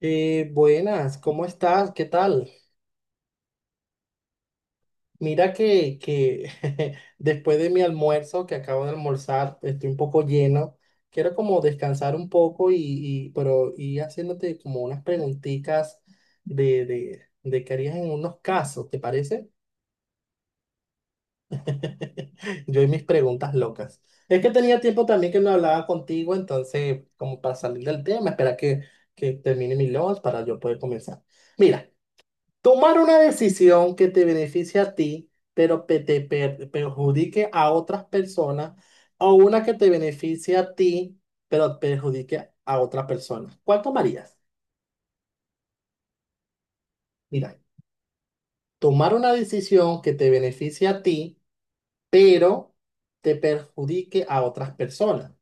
Buenas, ¿cómo estás? ¿Qué tal? Mira que después de mi almuerzo, que acabo de almorzar, estoy un poco lleno. Quiero como descansar un poco y haciéndote como unas preguntitas de qué harías en unos casos, ¿te parece? Yo y mis preguntas locas. Es que tenía tiempo también que no hablaba contigo, entonces como para salir del tema, espera que termine mi lunch para yo poder comenzar. Mira. Tomar una decisión que te beneficie a ti, pero que te perjudique a otras personas, o una que te beneficie a ti, pero perjudique a otras personas. ¿Cuál tomarías? Mira, tomar una decisión que te beneficie a ti, pero te perjudique a otras personas.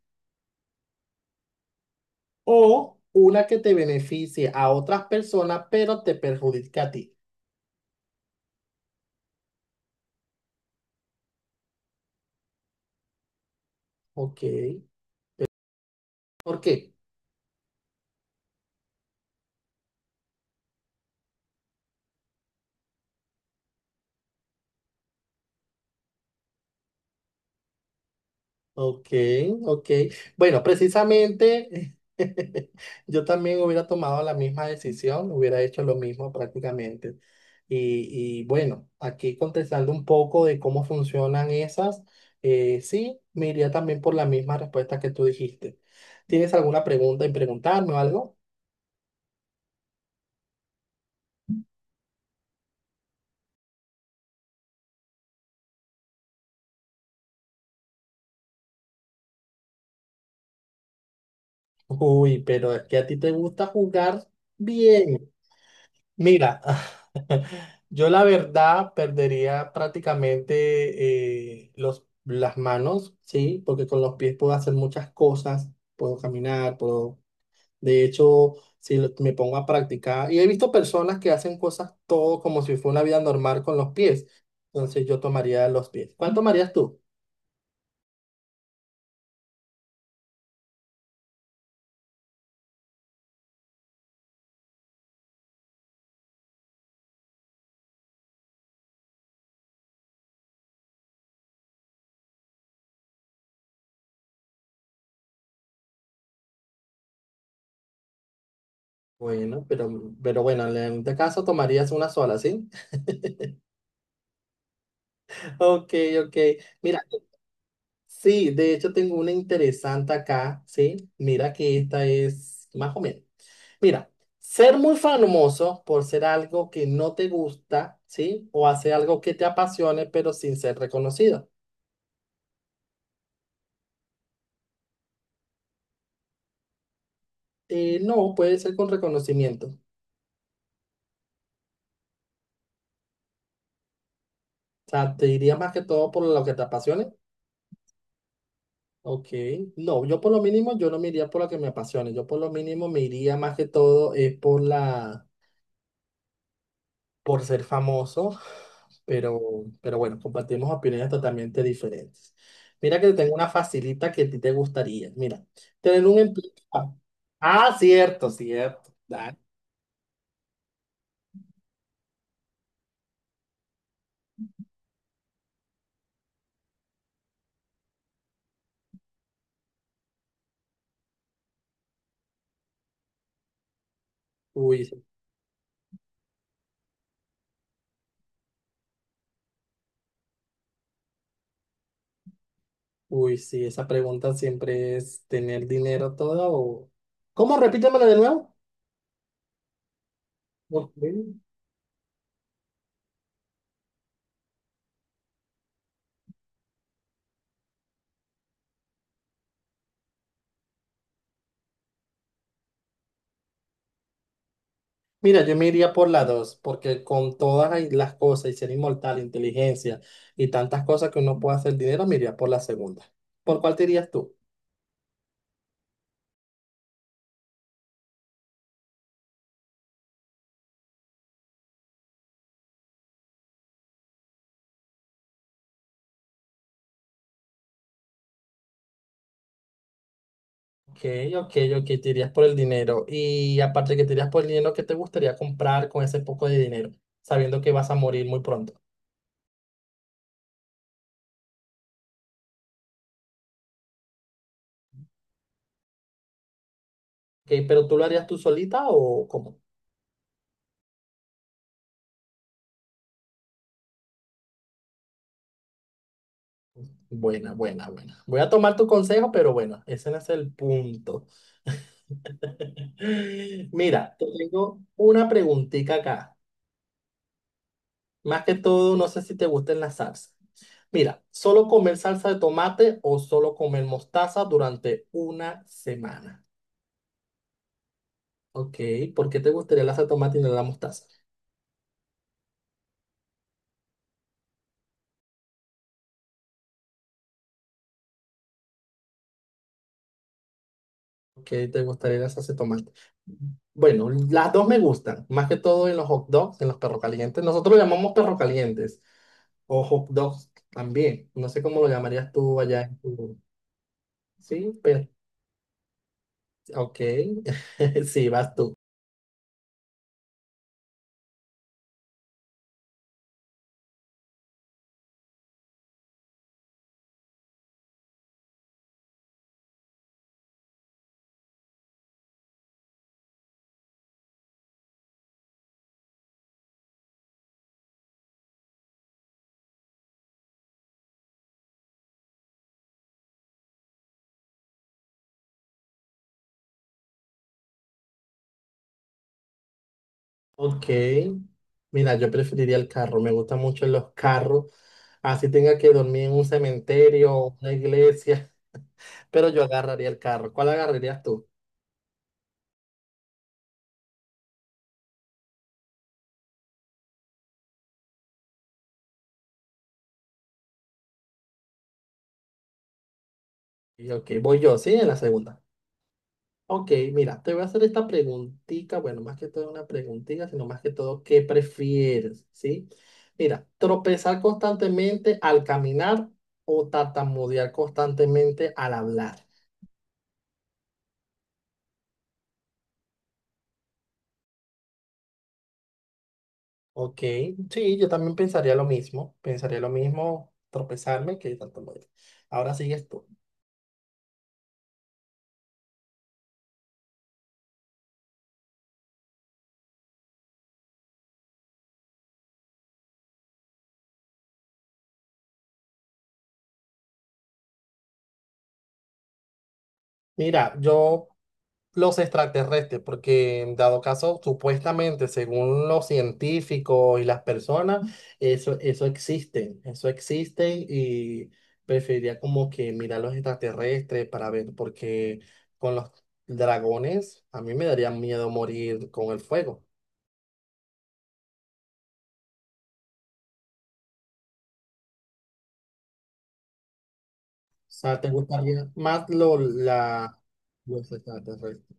O una que te beneficie a otras personas, pero te perjudique a ti. Ok. ¿Por qué? Ok, ok. Bueno, precisamente yo también hubiera tomado la misma decisión, hubiera hecho lo mismo prácticamente. Y bueno, aquí contestando un poco de cómo funcionan esas, sí, me iría también por la misma respuesta que tú dijiste. ¿Tienes alguna pregunta en preguntarme o algo? Uy, pero es que a ti te gusta jugar bien. Mira, yo la verdad perdería prácticamente las manos, ¿sí? Porque con los pies puedo hacer muchas cosas, puedo caminar, puedo... De hecho, si lo- me pongo a practicar, y he visto personas que hacen cosas todo como si fuera una vida normal con los pies, entonces yo tomaría los pies. ¿Cuál tomarías tú? Bueno, pero bueno, en este caso tomarías una sola, ¿sí? Ok, ok. Mira. Sí, de hecho tengo una interesante acá, ¿sí? Mira que esta es más o menos. Mira, ser muy famoso por ser algo que no te gusta, ¿sí? O hacer algo que te apasione, pero sin ser reconocido. No, puede ser con reconocimiento. O sea, te iría más que todo por lo que te apasione. Ok, no, yo por lo mínimo, yo no me iría por lo que me apasione. Yo por lo mínimo me iría más que todo es por la... por ser famoso, pero, bueno, compartimos opiniones totalmente diferentes. Mira que tengo una facilita que a ti te gustaría. Mira, tener un empleo. Ah, cierto, cierto. Dale. Uy, uy, sí, esa pregunta siempre es tener dinero todo o... ¿Cómo? Repítemelo de nuevo. Ok. Mira, yo me iría por la dos, porque con todas ahí las cosas y ser inmortal, inteligencia y tantas cosas que uno puede hacer dinero, me iría por la segunda. ¿Por cuál te irías tú? Ok, ok, ok, te irías por el dinero. Y aparte que te irías por el dinero, ¿qué te gustaría comprar con ese poco de dinero? Sabiendo que vas a morir muy pronto. Ok, pero ¿tú lo harías tú solita o cómo? Buena, buena, buena. Voy a tomar tu consejo, pero bueno, ese no es el punto. Mira, te tengo una preguntita acá. Más que todo, no sé si te gustan las salsas. Mira, ¿solo comer salsa de tomate o solo comer mostaza durante una semana? Ok, ¿por qué te gustaría la salsa de tomate y no la mostaza? ¿Qué te gustaría la salsa de tomate? Bueno, las dos me gustan, más que todo en los hot dogs, en los perros calientes. Nosotros lo llamamos perros calientes o hot dogs también. No sé cómo lo llamarías tú allá en tu... Sí, pero... Ok, sí, vas tú. Ok, mira, yo preferiría el carro, me gustan mucho los carros, así tenga que dormir en un cementerio o una iglesia, pero yo agarraría el carro. ¿Cuál agarrarías tú? Y ok, voy yo, sí, en la segunda. Ok, mira, te voy a hacer esta preguntita, bueno, más que todo una preguntita, sino más que todo, ¿qué prefieres? ¿Sí? Mira, tropezar constantemente al caminar o tartamudear constantemente al hablar. Ok, sí, yo también pensaría lo mismo tropezarme que tartamudear. Ahora sigues tú. Mira, yo los extraterrestres, porque dado caso, supuestamente, según los científicos y las personas, eso existe y preferiría como que mirar los extraterrestres para ver, porque con los dragones a mí me daría miedo morir con el fuego. O sea, ¿te gustaría más los extraterrestres?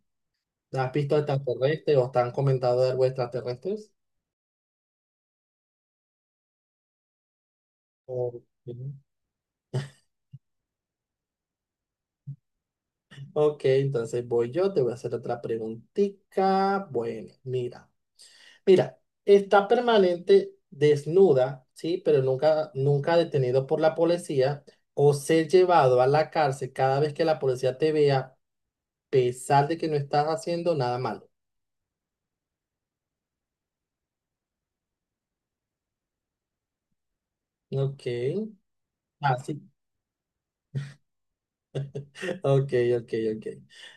¿Has visto extraterrestres o te han comentado de algo extraterrestres? ¿O... Ok, entonces voy yo, te voy a hacer otra preguntita. Bueno, mira, mira, está permanente desnuda, ¿sí? Pero nunca, nunca detenido por la policía o ser llevado a la cárcel cada vez que la policía te vea, a pesar de que no estás haciendo nada malo. Ok, así. Ok, ok, ok.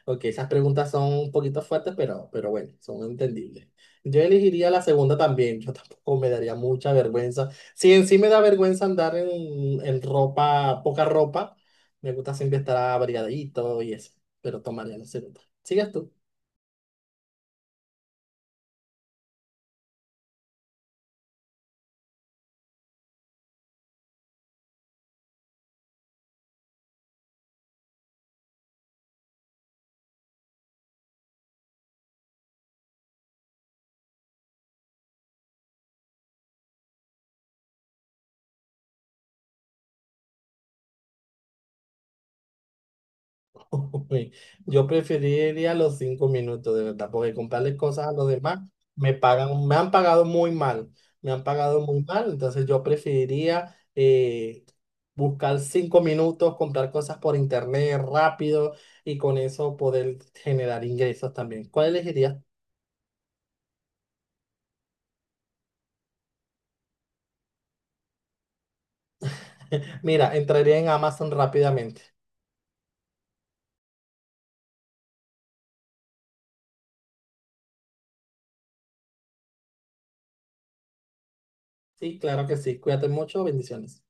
Ok, esas preguntas son un poquito fuertes, pero, bueno, son entendibles. Yo elegiría la segunda también. Yo tampoco me daría mucha vergüenza. Si en sí me da vergüenza andar en ropa, poca ropa, me gusta siempre estar abrigadito y eso. Pero tomaría la segunda. ¿Sigues tú? Uy, yo preferiría los 5 minutos, de verdad, porque comprarle cosas a los demás me pagan, me han pagado muy mal, me han pagado muy mal, entonces yo preferiría buscar 5 minutos, comprar cosas por internet rápido y con eso poder generar ingresos también. ¿Cuál elegirías? Mira, entraría en Amazon rápidamente. Sí, claro que sí. Cuídate mucho, bendiciones.